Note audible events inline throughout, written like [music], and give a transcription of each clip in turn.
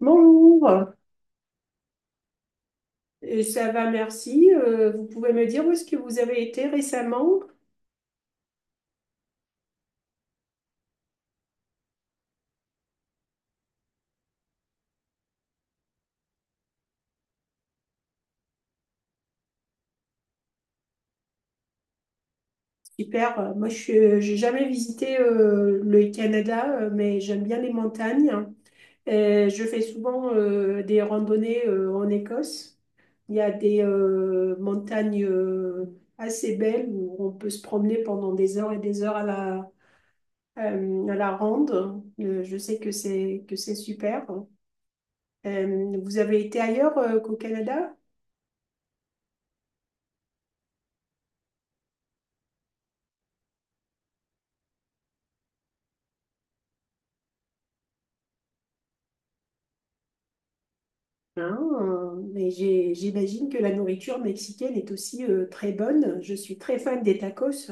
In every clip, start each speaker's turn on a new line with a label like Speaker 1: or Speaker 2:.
Speaker 1: Bonjour, ça va, merci. Vous pouvez me dire où est-ce que vous avez été récemment? Super. Moi je n'ai jamais visité le Canada, mais j'aime bien les montagnes. Je fais souvent des randonnées en Écosse. Il y a des montagnes assez belles où on peut se promener pendant des heures et des heures à la ronde. Je sais que c'est super. Vous avez été ailleurs qu'au Canada? Hein, mais j'imagine que la nourriture mexicaine est aussi très bonne. Je suis très fan des tacos.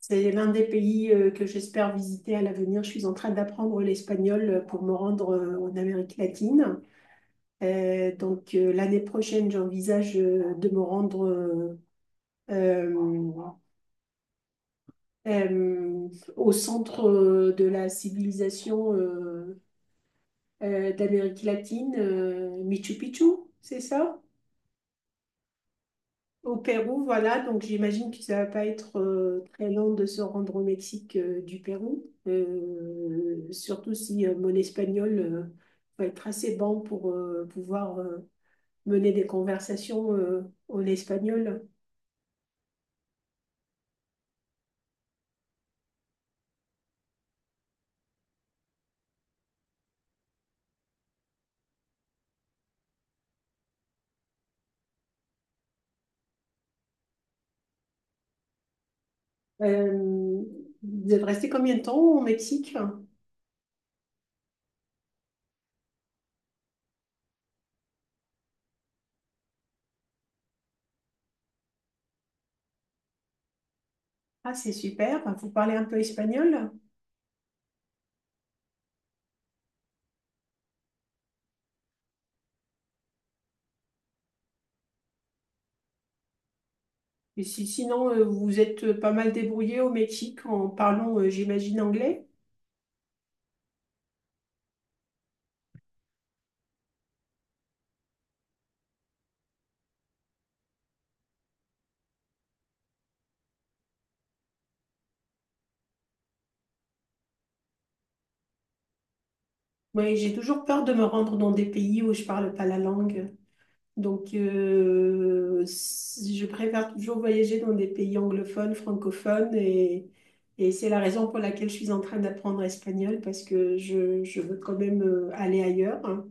Speaker 1: C'est l'un des pays que j'espère visiter à l'avenir. Je suis en train d'apprendre l'espagnol pour me rendre en Amérique latine. Donc l'année prochaine, j'envisage de me rendre euh, euh, au centre de la civilisation d'Amérique latine, Machu Picchu, c'est ça? Au Pérou, voilà, donc j'imagine que ça va pas être très long de se rendre au Mexique du Pérou. Surtout si mon espagnol va être assez bon pour pouvoir mener des conversations en espagnol. Euh, vous êtes resté combien de temps au Mexique? Ah, c'est super. Enfin, vous parlez un peu espagnol? Et si, sinon, vous êtes pas mal débrouillé au Mexique en parlant, j'imagine, anglais? Oui, j'ai toujours peur de me rendre dans des pays où je parle pas la langue. Donc, je préfère toujours voyager dans des pays anglophones, francophones, et c'est la raison pour laquelle je suis en train d'apprendre l'espagnol, parce que je veux quand même aller ailleurs. Hein.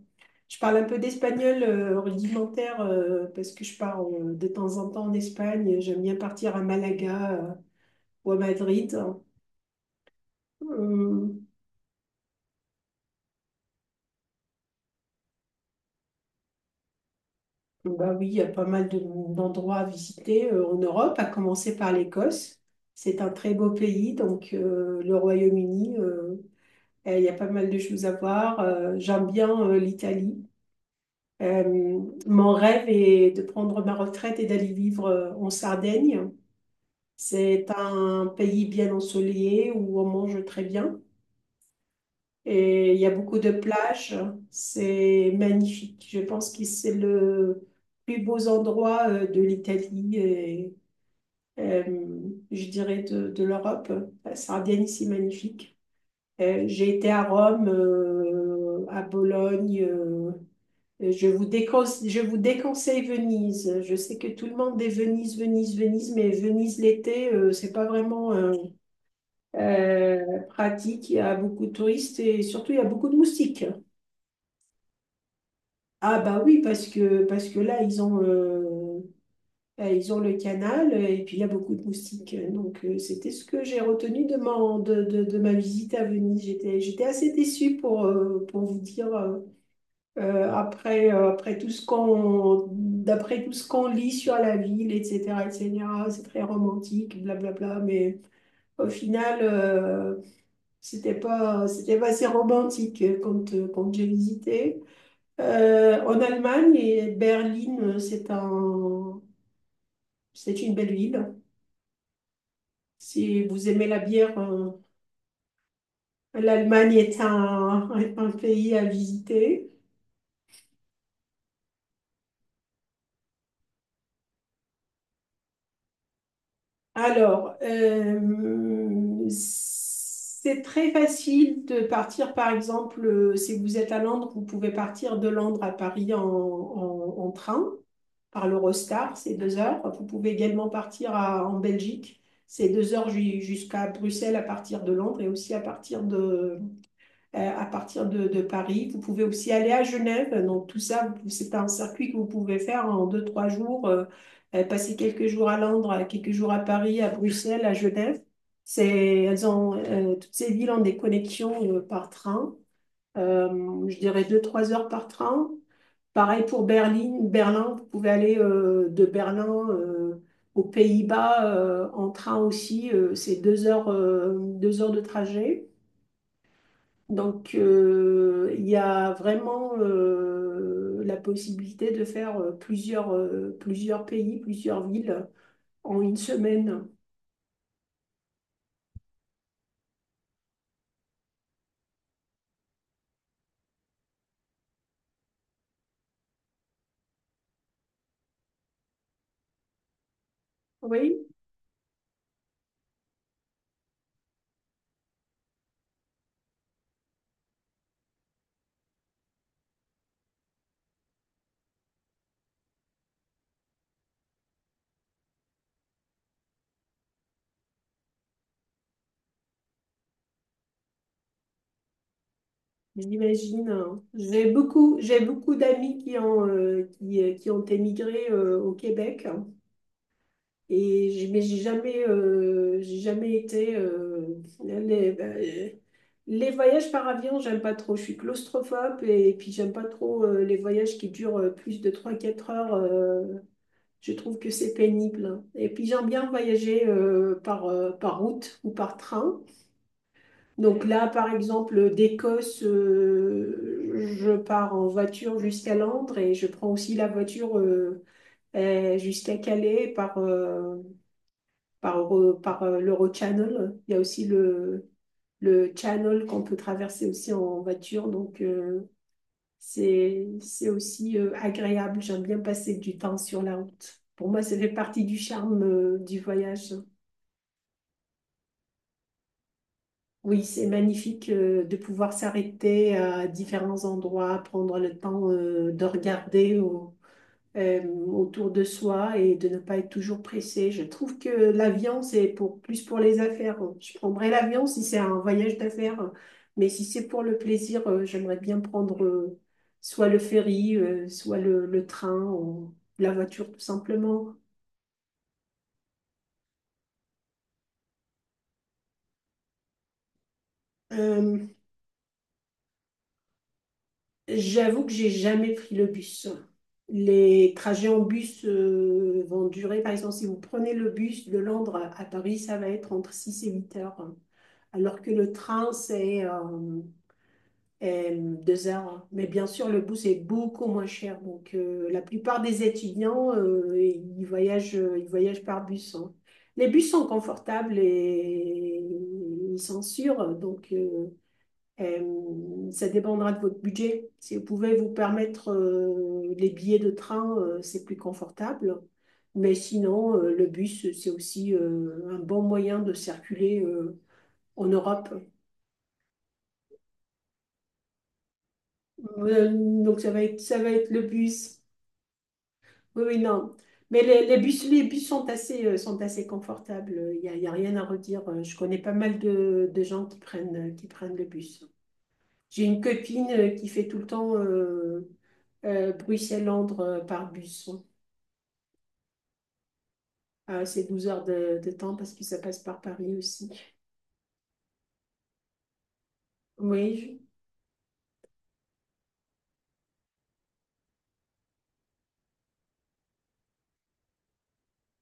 Speaker 1: Je parle un peu d'espagnol rudimentaire, parce que je pars de temps en temps en Espagne. J'aime bien partir à Malaga, ou à Madrid. Hein. Hum. Bah oui, il y a pas mal d'endroits à visiter en Europe, à commencer par l'Écosse. C'est un très beau pays, donc le Royaume-Uni, il y a pas mal de choses à voir. J'aime bien l'Italie. Euh, mon rêve est de prendre ma retraite et d'aller vivre en Sardaigne. C'est un pays bien ensoleillé où on mange très bien. Et il y a beaucoup de plages. C'est magnifique. Je pense que c'est le plus beau endroit de l'Italie et euh, je dirais de l'Europe. La Sardaigne, c'est magnifique. J'ai été à Rome, à Bologne. Je vous déconseille Venise. Je sais que tout le monde dit Venise, Venise, Venise, mais Venise l'été, c'est pas vraiment euh, pratique. Il y a beaucoup de touristes et surtout il y a beaucoup de moustiques. Ah bah oui, parce que là, ils ont le canal et puis il y a beaucoup de moustiques. Donc c'était ce que j'ai retenu de, mon- de ma visite à Venise. J'étais assez déçue pour vous dire, après, après tout ce qu'on, d'après tout ce qu'on lit sur la ville, etc., etc., c'est très romantique, blablabla, mais au final, c'était pas assez romantique quand j'ai visité. En Allemagne, et Berlin, c'est une belle ville. Si vous aimez la bière, l'Allemagne est [laughs] un pays à visiter. Alors, c'est très facile de partir, par exemple, si vous êtes à Londres, vous pouvez partir de Londres à Paris en train, par l'Eurostar. C'est 2 heures. Vous pouvez également partir en Belgique, c'est deux heures jusqu'à Bruxelles à partir de Londres et aussi à partir de Paris. Vous pouvez aussi aller à Genève. Donc tout ça, c'est un circuit que vous pouvez faire en 2, 3 jours, passer quelques jours à Londres, quelques jours à Paris, à Bruxelles, à Genève. Toutes ces villes ont des connexions par train. Je dirais 2, 3 heures par train. Pareil pour Berlin, vous pouvez aller de Berlin aux Pays-Bas en train aussi, c'est 2 heures, 2 heures de trajet. Donc il y a vraiment la possibilité de faire plusieurs pays, plusieurs villes en une semaine. Oui, j'imagine. J'ai beaucoup d'amis qui ont émigré au Québec. Et mais j'ai jamais été. Ben, les voyages par avion, j'aime pas trop. Je suis claustrophobe et, puis j'aime pas trop les voyages qui durent plus de trois quatre heures. Je trouve que c'est pénible. Hein. Et puis j'aime bien voyager par route ou par train. Donc là, par exemple, d'Écosse, je pars en voiture jusqu'à Londres et je prends aussi la voiture jusqu'à Calais par l'Eurochannel. Il y a aussi le channel qu'on peut traverser aussi en voiture. Donc, c'est aussi agréable. J'aime bien passer du temps sur la route. Pour moi, ça fait partie du charme du voyage. Oui, c'est magnifique de pouvoir s'arrêter à différents endroits, prendre le temps de regarder. euh, autour de soi et de ne pas être toujours pressé. Je trouve que l'avion, c'est plus pour les affaires. Je prendrais l'avion si c'est un voyage d'affaires, mais si c'est pour le plaisir, j'aimerais bien prendre soit le ferry, soit le train ou la voiture tout simplement. Euh, j'avoue que j'ai jamais pris le bus. Les trajets en bus vont durer, par exemple, si vous prenez le bus de Londres à Paris, ça va être entre 6 et 8 heures, alors que le train, c'est est 2 heures. Hein. Mais bien sûr, le bus est beaucoup moins cher. Donc, la plupart des étudiants, ils voyagent par bus. Hein. Les bus sont confortables et ils sont sûrs. Donc, ça dépendra de votre budget. Si vous pouvez vous permettre les billets de train, c'est plus confortable. Mais sinon, le bus, c'est aussi un bon moyen de circuler en Europe. Euh, donc ça va être le bus. Oui, oui, non. Mais les bus sont assez confortables. Il n'y a, y a rien à redire. Je connais pas mal de gens qui prennent le bus. J'ai une copine qui fait tout le temps Bruxelles-Londres par bus. Ah, c'est 12 heures de temps parce que ça passe par Paris aussi. Oui.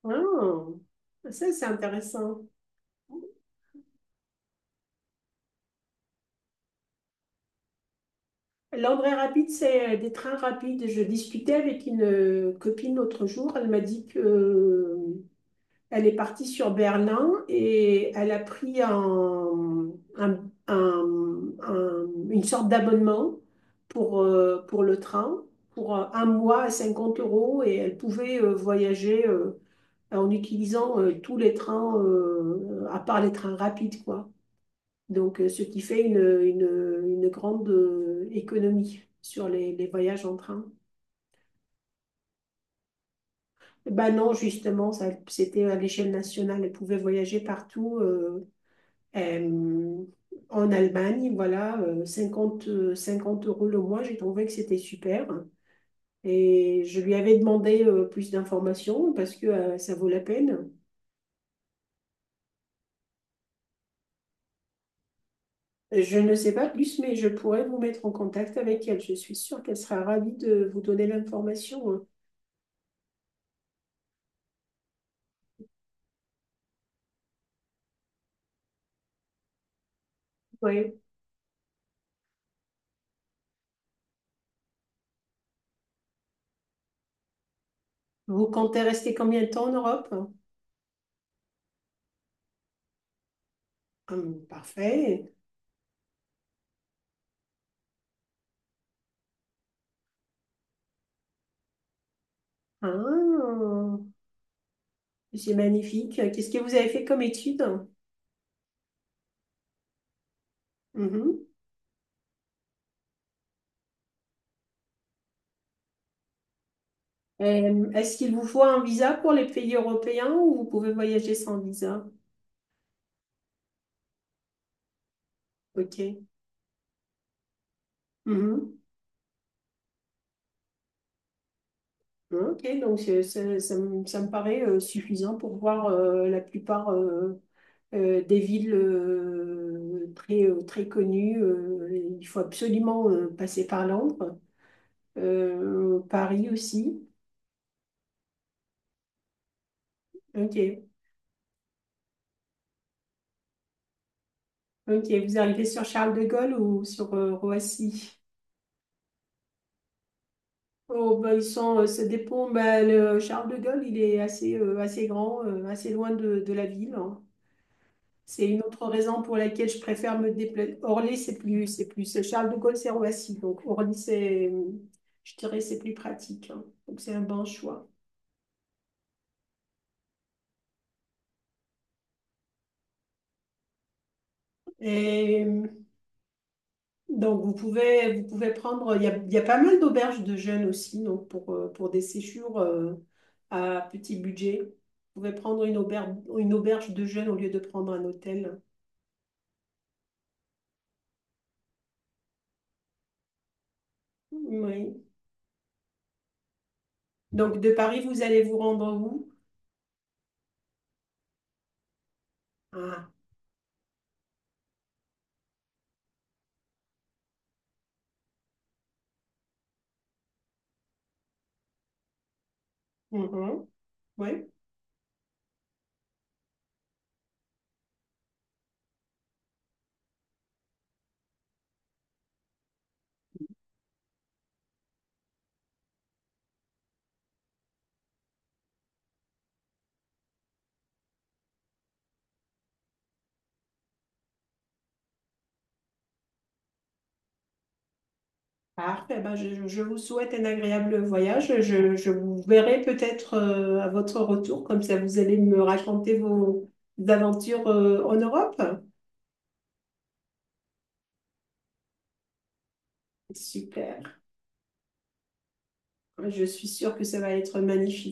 Speaker 1: je- Ah, ça, c'est intéressant. L'André rapide, c'est des trains rapides. Je discutais avec une copine l'autre jour. Elle m'a dit que elle est partie sur Berlin et elle a pris un- une sorte d'abonnement pour le train pour un mois à 50 € et elle pouvait voyager en utilisant tous les trains, à part les trains rapides, quoi. Donc, ce qui fait une grande économie sur les voyages en train. Ben non, justement, ça, c'était à l'échelle nationale. Elle pouvait voyager partout euh, en Allemagne. Voilà, 50 50 € le mois, j'ai trouvé que c'était super. Et je lui avais demandé plus d'informations parce que ça vaut la peine. Je ne sais pas plus, mais je pourrais vous mettre en contact avec elle. Je suis sûre qu'elle sera ravie de vous donner l'information. Hein. Ouais. Vous comptez rester combien de temps en Europe? Parfait. Ah, c'est magnifique. Qu'est-ce que vous avez fait comme étude? Mhm. Est-ce qu'il vous faut un visa pour les pays européens ou vous pouvez voyager sans visa? Ok. Mhm. Ok, donc ça me paraît suffisant pour voir la plupart des villes très connues. Il faut absolument passer par Londres, Paris aussi. Ok. Ok, vous arrivez sur Charles de Gaulle ou sur Roissy? Oh, bah, ça dépend. Bah, le Charles de Gaulle, il est assez grand, assez loin de la ville. Hein. C'est une autre raison pour laquelle je préfère me déplacer. Orly, c'est plus, c'est plus. C'est Charles de Gaulle, c'est Roissy. Donc, Orly, c'est, je dirais, c'est plus pratique. Hein. Donc, c'est un bon choix. Et Donc, vous pouvez prendre, il y a pas mal d'auberges de jeunes aussi, donc pour des séjours à petit budget. Vous pouvez prendre une auberge de jeunes au lieu de prendre un hôtel. Oui. Donc, de Paris, vous allez vous rendre où? Ah, mhm. Oui. Parfait. Ben, je vous souhaite un agréable voyage. Je vous verrai peut-être à votre retour, comme ça vous allez me raconter vos aventures en Europe. Super. Je suis sûre que ça va être magnifique.